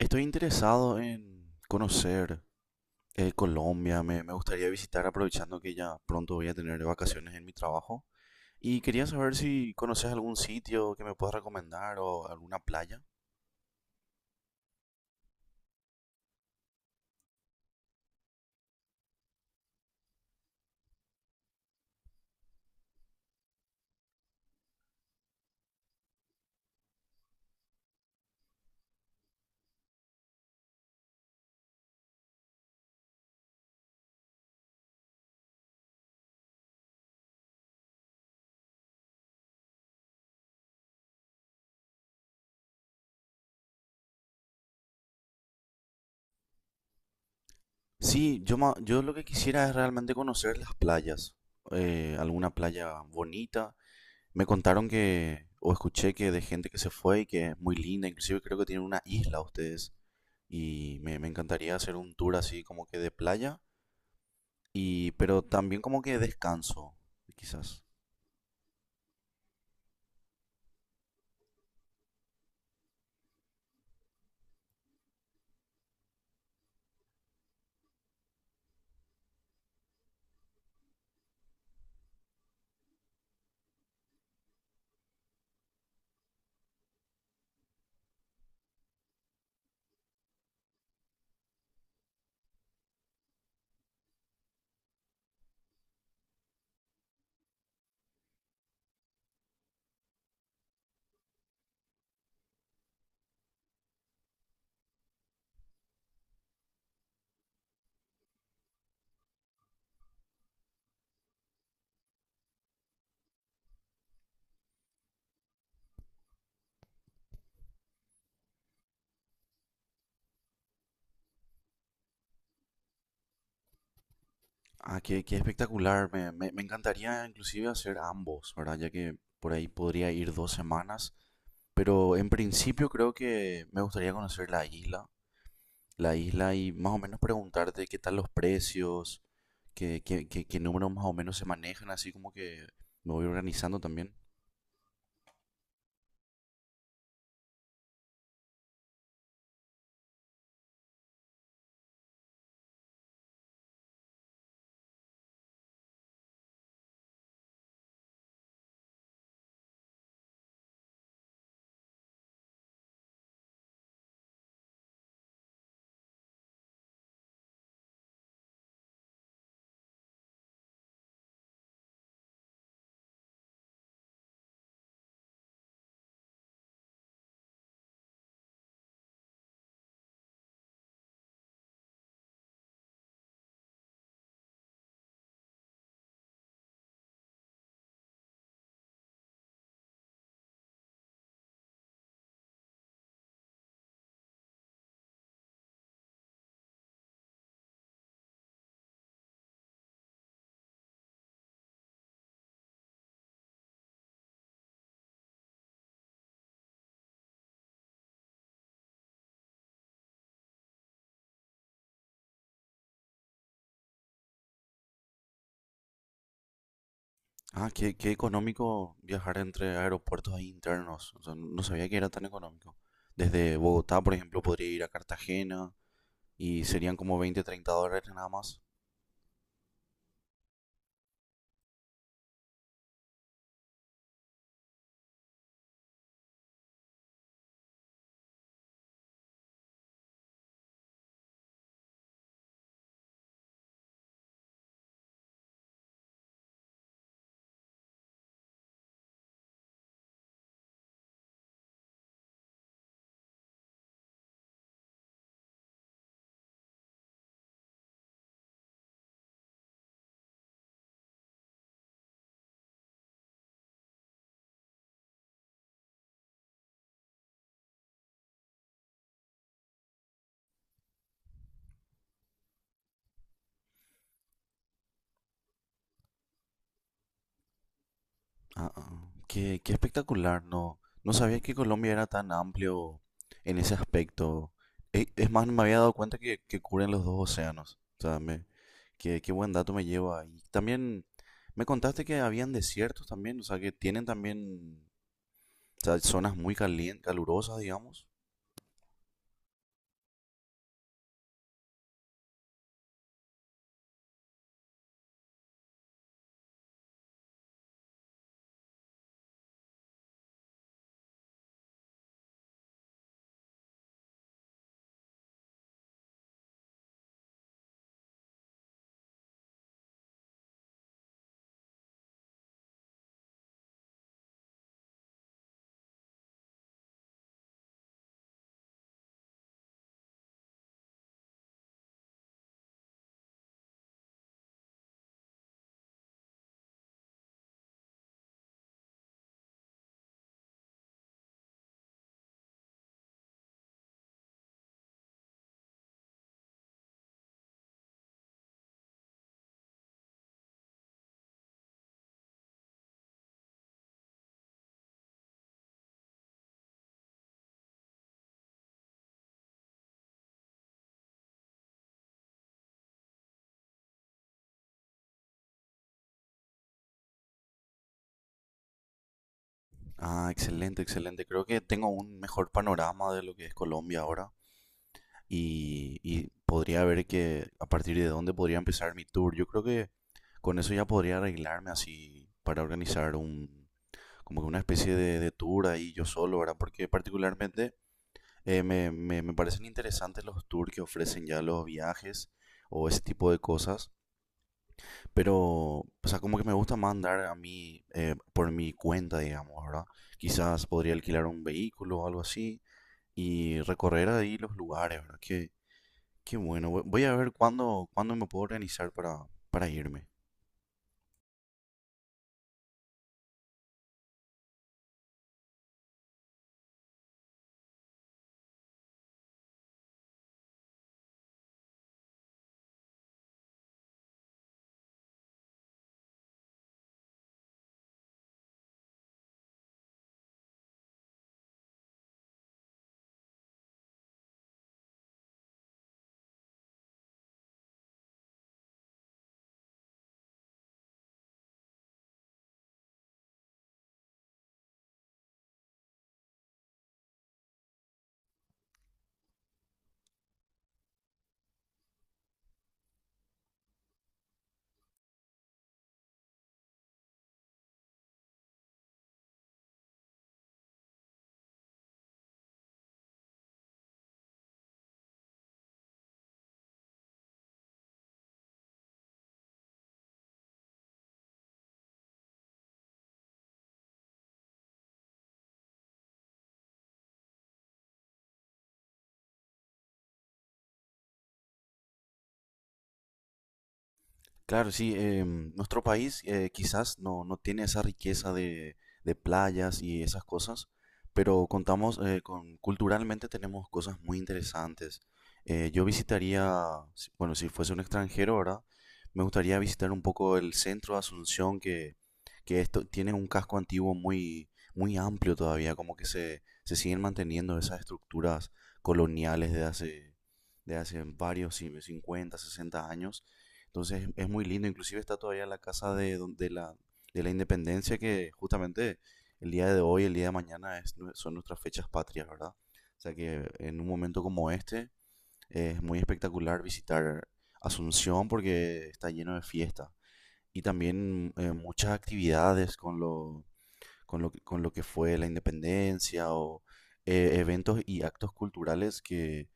Estoy interesado en conocer Colombia, me gustaría visitar aprovechando que ya pronto voy a tener vacaciones en mi trabajo. Y quería saber si conoces algún sitio que me puedas recomendar o alguna playa. Sí, yo, yo lo que quisiera es realmente conocer las playas, alguna playa bonita. Me contaron que, o escuché que de gente que se fue y que es muy linda, inclusive creo que tienen una isla ustedes. Y me encantaría hacer un tour así como que de playa. Y, pero también como que descanso, quizás. Ah, qué, qué espectacular. Me encantaría inclusive hacer ambos, ¿verdad? Ya que por ahí podría ir 2 semanas. Pero en principio creo que me gustaría conocer la isla y más o menos preguntarte qué tal los precios, qué números más o menos se manejan, así como que me voy organizando también. Ah, qué, qué económico viajar entre aeropuertos ahí internos. O sea, no sabía que era tan económico. Desde Bogotá, por ejemplo, podría ir a Cartagena y serían como 20, 30 dólares nada más. Ah, ah, ah. Qué, qué espectacular. No, no sabía que Colombia era tan amplio en ese aspecto. Es más, no me había dado cuenta que cubren los dos océanos. O sea, me, qué, qué buen dato me lleva. Y también me contaste que habían desiertos también, o sea, que tienen también, o sea, zonas muy calurosas, digamos. Ah, excelente, excelente. Creo que tengo un mejor panorama de lo que es Colombia ahora y podría ver que a partir de dónde podría empezar mi tour. Yo creo que con eso ya podría arreglarme así para organizar un, como que una especie de tour ahí yo solo, ¿verdad? Porque particularmente me parecen interesantes los tours que ofrecen ya los viajes o ese tipo de cosas. Pero, o sea, como que me gusta más andar a mí por mi cuenta, digamos, ¿verdad? Quizás podría alquilar un vehículo o algo así y recorrer ahí los lugares, ¿verdad? Qué, qué bueno. Voy a ver cuándo, cuándo me puedo organizar para irme. Claro, sí, nuestro país quizás no, no tiene esa riqueza de playas y esas cosas, pero contamos con, culturalmente tenemos cosas muy interesantes. Yo visitaría, bueno, si fuese un extranjero, ¿verdad? Me gustaría visitar un poco el centro de Asunción, que esto tiene un casco antiguo muy, muy amplio todavía, como que se siguen manteniendo esas estructuras coloniales de hace varios, sí, 50, 60 años. Entonces es muy lindo, inclusive está todavía la casa de, de la independencia que justamente el día de hoy, el día de mañana es son nuestras fechas patrias, ¿verdad? O sea que en un momento como este es muy espectacular visitar Asunción porque está lleno de fiesta y también muchas actividades con lo, con lo que fue la independencia o eventos y actos culturales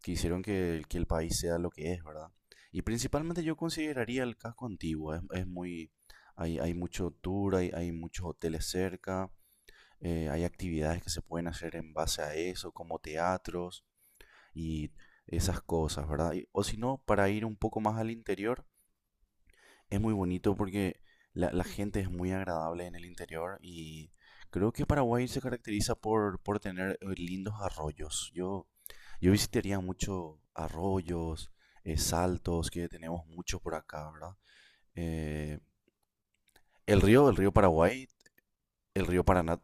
que hicieron que el país sea lo que es, ¿verdad? Y principalmente yo consideraría el casco antiguo, es muy, hay mucho tour, hay muchos hoteles cerca, hay actividades que se pueden hacer en base a eso, como teatros y esas cosas, ¿verdad? O si no, para ir un poco más al interior, es muy bonito porque la gente es muy agradable en el interior y creo que Paraguay se caracteriza por tener lindos arroyos. Yo visitaría mucho arroyos, saltos, que tenemos mucho por acá, ¿verdad? Eh, el río, el río Paraguay, el río Paraná.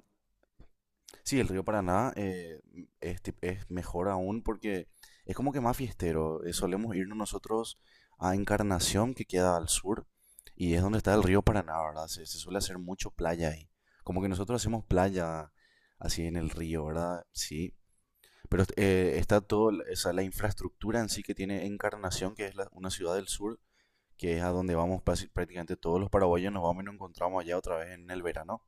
Sí, el río Paraná es, es mejor aún porque es como que más fiestero. Solemos irnos nosotros a Encarnación, que queda al sur, y es donde está el río Paraná, ¿verdad? Se suele hacer mucho playa ahí. Como que nosotros hacemos playa así en el río, ¿verdad? Sí. Pero está todo, esa, la infraestructura en sí que tiene Encarnación, que es una ciudad del sur, que es a donde vamos prácticamente todos los paraguayos, nos vamos y nos encontramos allá otra vez en el verano.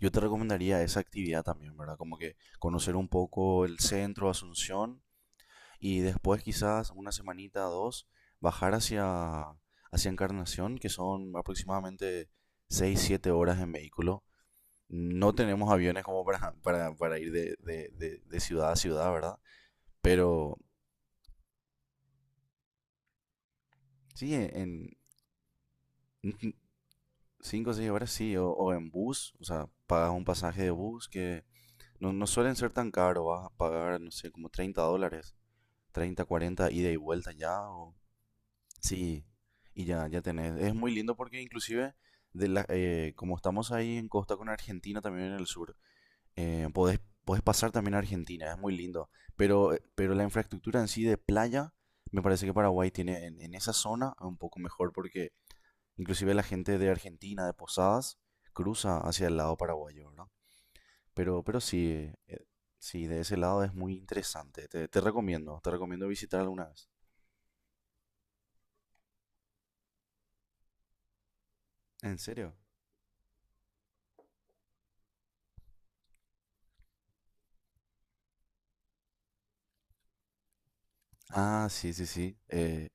Yo te recomendaría esa actividad también, ¿verdad? Como que conocer un poco el centro, Asunción, y después quizás una semanita, o dos, bajar hacia, hacia Encarnación, que son aproximadamente 6 siete horas en vehículo. No tenemos aviones como para, para ir de ciudad a ciudad, ¿verdad? Pero sí, en cinco o 6 horas sí, o en bus, o sea, pagas un pasaje de bus que no, no suelen ser tan caro. Vas a pagar, no sé, como 30 dólares, 30 40 ida y vuelta ya. Sí, y ya, ya tenés. Es muy lindo porque inclusive, de la, como estamos ahí en costa con Argentina, también en el sur, podés, podés pasar también a Argentina, es muy lindo. Pero la infraestructura en sí de playa, me parece que Paraguay tiene en esa zona un poco mejor porque inclusive la gente de Argentina, de Posadas, cruza hacia el lado paraguayo, ¿verdad? Pero sí, eh, sí, de ese lado es muy interesante. Te, te recomiendo visitar alguna vez. ¿En serio? Ah, sí, sí, sí.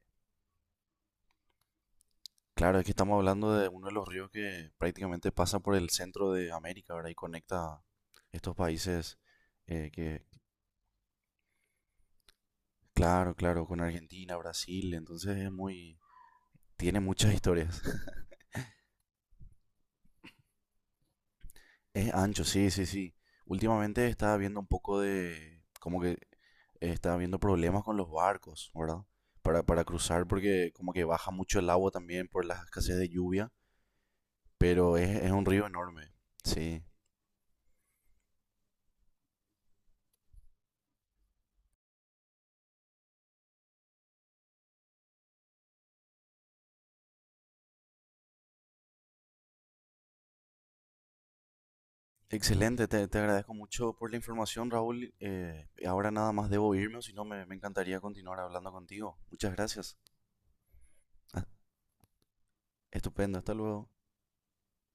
Claro, es que estamos hablando de uno de los ríos que prácticamente pasa por el centro de América, ¿verdad? Y conecta estos países eh, que, claro, claro, con Argentina, Brasil, entonces es muy, tiene muchas historias. Es ancho, sí, sí, sí. Últimamente estaba viendo un poco de, como que estaba viendo problemas con los barcos, ¿verdad? Para cruzar porque como que baja mucho el agua también por las escasez de lluvia, pero es un río enorme, sí. Excelente, te agradezco mucho por la información, Raúl. Ahora nada más debo irme, o si no, me encantaría continuar hablando contigo. Muchas gracias. Ah, estupendo, hasta luego.